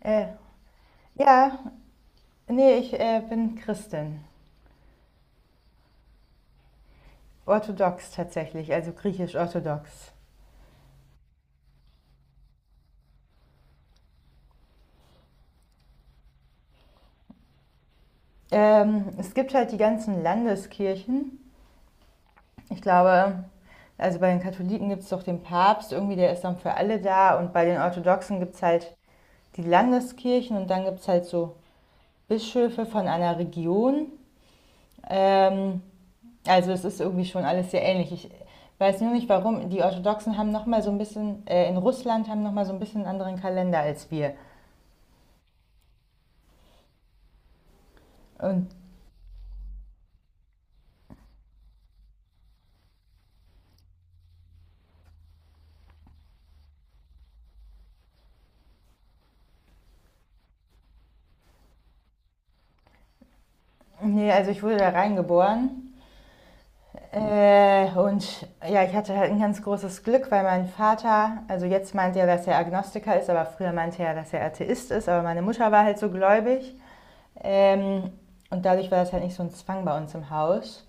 Äh, ja, nee, ich bin Christin. Orthodox tatsächlich, also griechisch-orthodox. Es gibt halt die ganzen Landeskirchen. Ich glaube, also bei den Katholiken gibt es doch den Papst, irgendwie der ist dann für alle da. Und bei den Orthodoxen gibt es halt die Landeskirchen und dann gibt es halt so Bischöfe von einer Region. Ähm, also es ist irgendwie schon alles sehr ähnlich. Ich weiß nur nicht, warum. Die Orthodoxen haben nochmal so ein bisschen, in Russland haben nochmal so ein bisschen einen anderen Kalender als wir. Und nee, also ich wurde da reingeboren. Und ja, ich hatte halt ein ganz großes Glück, weil mein Vater, also jetzt meint er, dass er Agnostiker ist, aber früher meinte er, dass er Atheist ist, aber meine Mutter war halt so gläubig. Ähm, und dadurch war das halt nicht so ein Zwang bei uns im Haus.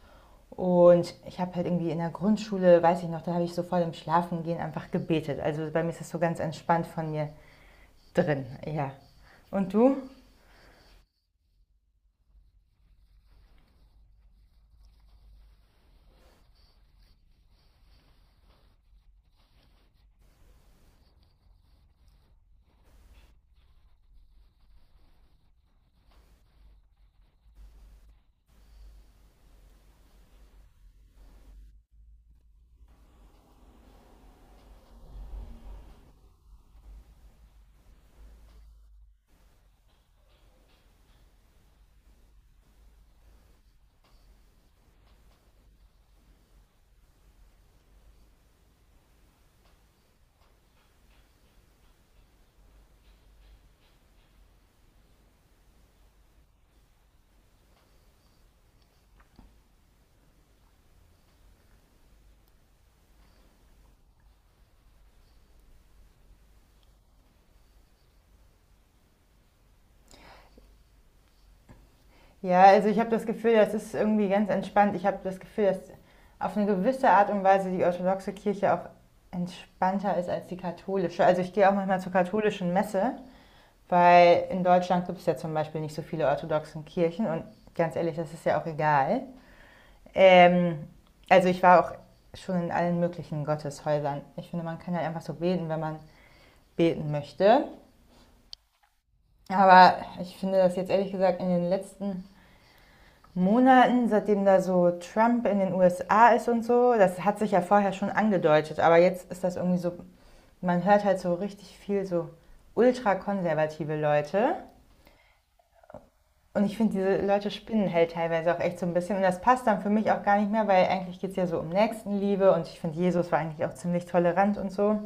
Und ich habe halt irgendwie in der Grundschule, weiß ich noch, da habe ich so vor dem Schlafengehen einfach gebetet. Also bei mir ist das so ganz entspannt von mir drin, ja. Und du? Ja, also ich habe das Gefühl, das ist irgendwie ganz entspannt. Ich habe das Gefühl, dass auf eine gewisse Art und Weise die orthodoxe Kirche auch entspannter ist als die katholische. Also ich gehe auch manchmal zur katholischen Messe, weil in Deutschland gibt es ja zum Beispiel nicht so viele orthodoxen Kirchen und ganz ehrlich, das ist ja auch egal. Ähm, also ich war auch schon in allen möglichen Gotteshäusern. Ich finde, man kann halt einfach so beten, wenn man beten möchte. Aber ich finde das jetzt ehrlich gesagt in den letzten Monaten, seitdem da so Trump in den USA ist und so. Das hat sich ja vorher schon angedeutet, aber jetzt ist das irgendwie so, man hört halt so richtig viel so ultrakonservative Leute. Und ich finde, diese Leute spinnen halt teilweise auch echt so ein bisschen. Und das passt dann für mich auch gar nicht mehr, weil eigentlich geht es ja so um Nächstenliebe und ich finde, Jesus war eigentlich auch ziemlich tolerant und so.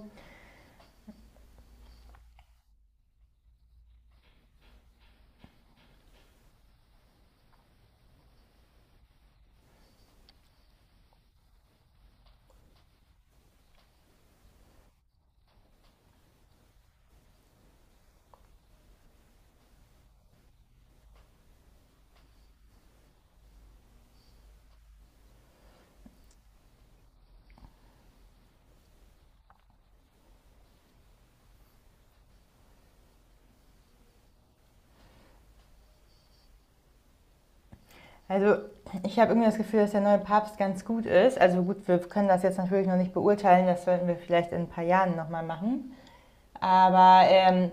Also ich habe irgendwie das Gefühl, dass der neue Papst ganz gut ist. Also gut, wir können das jetzt natürlich noch nicht beurteilen, das werden wir vielleicht in ein paar Jahren nochmal machen. Aber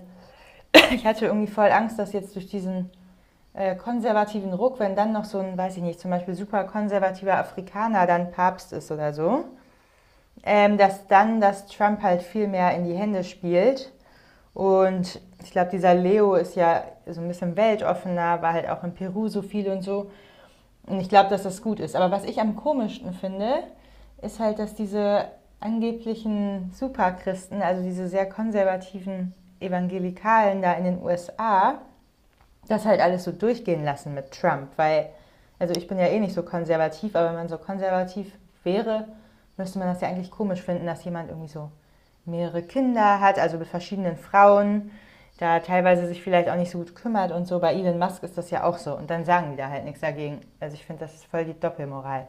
ich hatte irgendwie voll Angst, dass jetzt durch diesen konservativen Ruck, wenn dann noch so ein, weiß ich nicht, zum Beispiel super konservativer Afrikaner dann Papst ist oder so, dass dann das Trump halt viel mehr in die Hände spielt. Und ich glaube, dieser Leo ist ja so ein bisschen weltoffener, war halt auch in Peru so viel und so. Und ich glaube, dass das gut ist. Aber was ich am komischsten finde, ist halt, dass diese angeblichen Superchristen, also diese sehr konservativen Evangelikalen da in den USA, das halt alles so durchgehen lassen mit Trump, weil, also ich bin ja eh nicht so konservativ, aber wenn man so konservativ wäre, müsste man das ja eigentlich komisch finden, dass jemand irgendwie so mehrere Kinder hat, also mit verschiedenen Frauen, da teilweise sich vielleicht auch nicht so gut kümmert und so. Bei Elon Musk ist das ja auch so und dann sagen die da halt nichts dagegen. Also ich finde, das ist voll die Doppelmoral.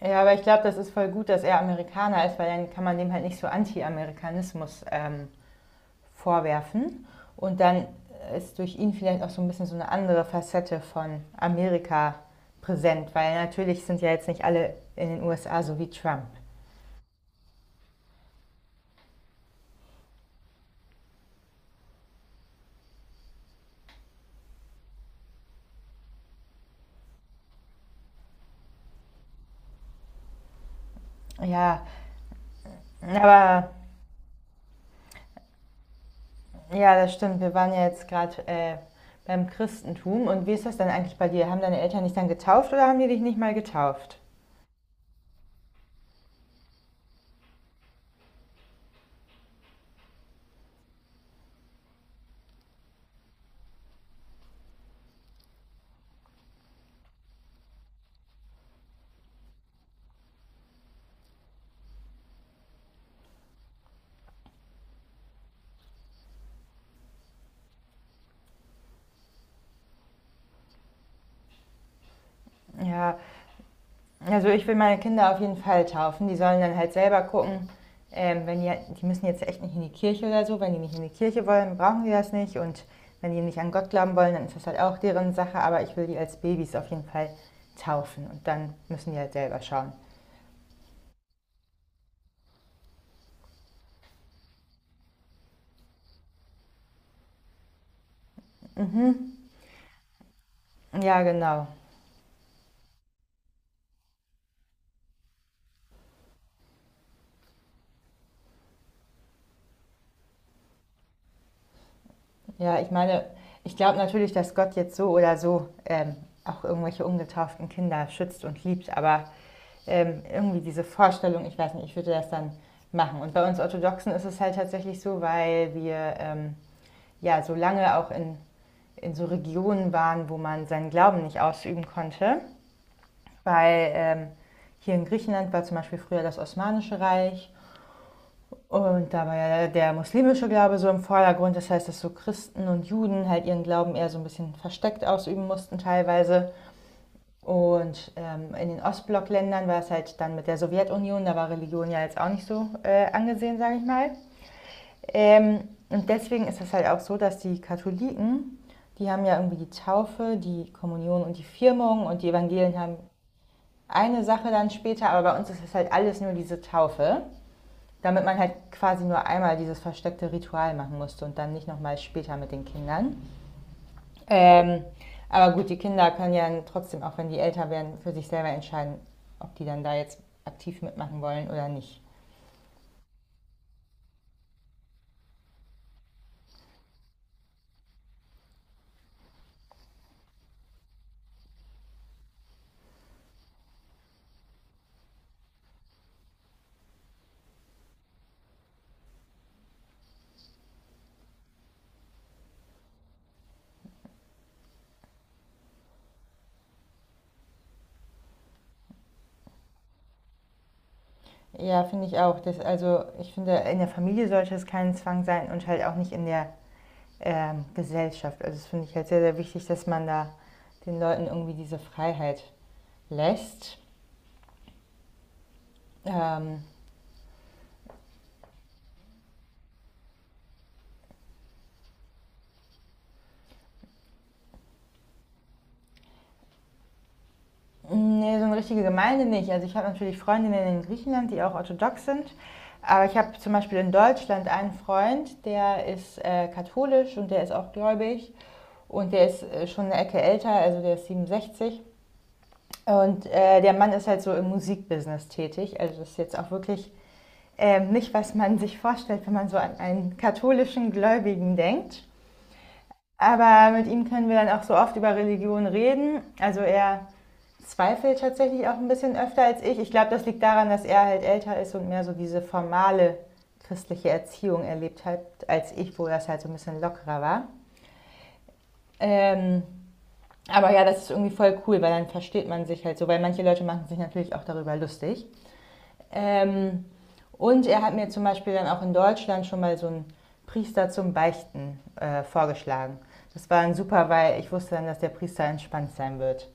Ja, aber ich glaube, das ist voll gut, dass er Amerikaner ist, weil dann kann man dem halt nicht so Anti-Amerikanismus vorwerfen. Und dann ist durch ihn vielleicht auch so ein bisschen so eine andere Facette von Amerika präsent, weil natürlich sind ja jetzt nicht alle in den USA so wie Trump. Ja, aber ja, das stimmt. Wir waren ja jetzt gerade beim Christentum. Und wie ist das dann eigentlich bei dir? Haben deine Eltern dich dann getauft oder haben die dich nicht mal getauft? Ja, also ich will meine Kinder auf jeden Fall taufen. Die sollen dann halt selber gucken, wenn die müssen jetzt echt nicht in die Kirche oder so. Wenn die nicht in die Kirche wollen, brauchen die das nicht. Und wenn die nicht an Gott glauben wollen, dann ist das halt auch deren Sache. Aber ich will die als Babys auf jeden Fall taufen. Und dann müssen die halt selber schauen. Ja, genau. Ja, ich meine, ich glaube natürlich, dass Gott jetzt so oder so auch irgendwelche ungetauften Kinder schützt und liebt. Aber irgendwie diese Vorstellung, ich weiß nicht, ich würde das dann machen. Und bei uns Orthodoxen ist es halt tatsächlich so, weil wir ja so lange auch in so Regionen waren, wo man seinen Glauben nicht ausüben konnte. Weil hier in Griechenland war zum Beispiel früher das Osmanische Reich und da war ja der muslimische Glaube so im Vordergrund. Das heißt, dass so Christen und Juden halt ihren Glauben eher so ein bisschen versteckt ausüben mussten teilweise. Und in den Ostblockländern war es halt dann mit der Sowjetunion, da war Religion ja jetzt auch nicht so angesehen, sage ich mal. Und deswegen ist es halt auch so, dass die Katholiken, die haben ja irgendwie die Taufe, die Kommunion und die Firmung und die Evangelien haben eine Sache dann später, aber bei uns ist es halt alles nur diese Taufe, damit man halt quasi nur einmal dieses versteckte Ritual machen musste und dann nicht nochmal später mit den Kindern. Ähm, aber gut, die Kinder können ja trotzdem, auch wenn die älter werden, für sich selber entscheiden, ob die dann da jetzt aktiv mitmachen wollen oder nicht. Ja, finde ich auch. Das, also ich finde, in der Familie sollte es kein Zwang sein und halt auch nicht in der Gesellschaft. Also das finde ich halt sehr, sehr wichtig, dass man da den Leuten irgendwie diese Freiheit lässt. Ähm, Nee, so eine richtige Gemeinde nicht. Also ich habe natürlich Freundinnen in Griechenland, die auch orthodox sind. Aber ich habe zum Beispiel in Deutschland einen Freund, der ist katholisch und der ist auch gläubig. Und der ist schon eine Ecke älter, also der ist 67. Und der Mann ist halt so im Musikbusiness tätig. Also das ist jetzt auch wirklich nicht, was man sich vorstellt, wenn man so an einen katholischen Gläubigen denkt. Aber mit ihm können wir dann auch so oft über Religion reden. Also er zweifelt tatsächlich auch ein bisschen öfter als ich. Ich glaube, das liegt daran, dass er halt älter ist und mehr so diese formale christliche Erziehung erlebt hat, als ich, wo das halt so ein bisschen lockerer war. Ähm, aber ja, das ist irgendwie voll cool, weil dann versteht man sich halt so, weil manche Leute machen sich natürlich auch darüber lustig. Ähm, und er hat mir zum Beispiel dann auch in Deutschland schon mal so einen Priester zum Beichten vorgeschlagen. Das war dann super, weil ich wusste dann, dass der Priester entspannt sein wird.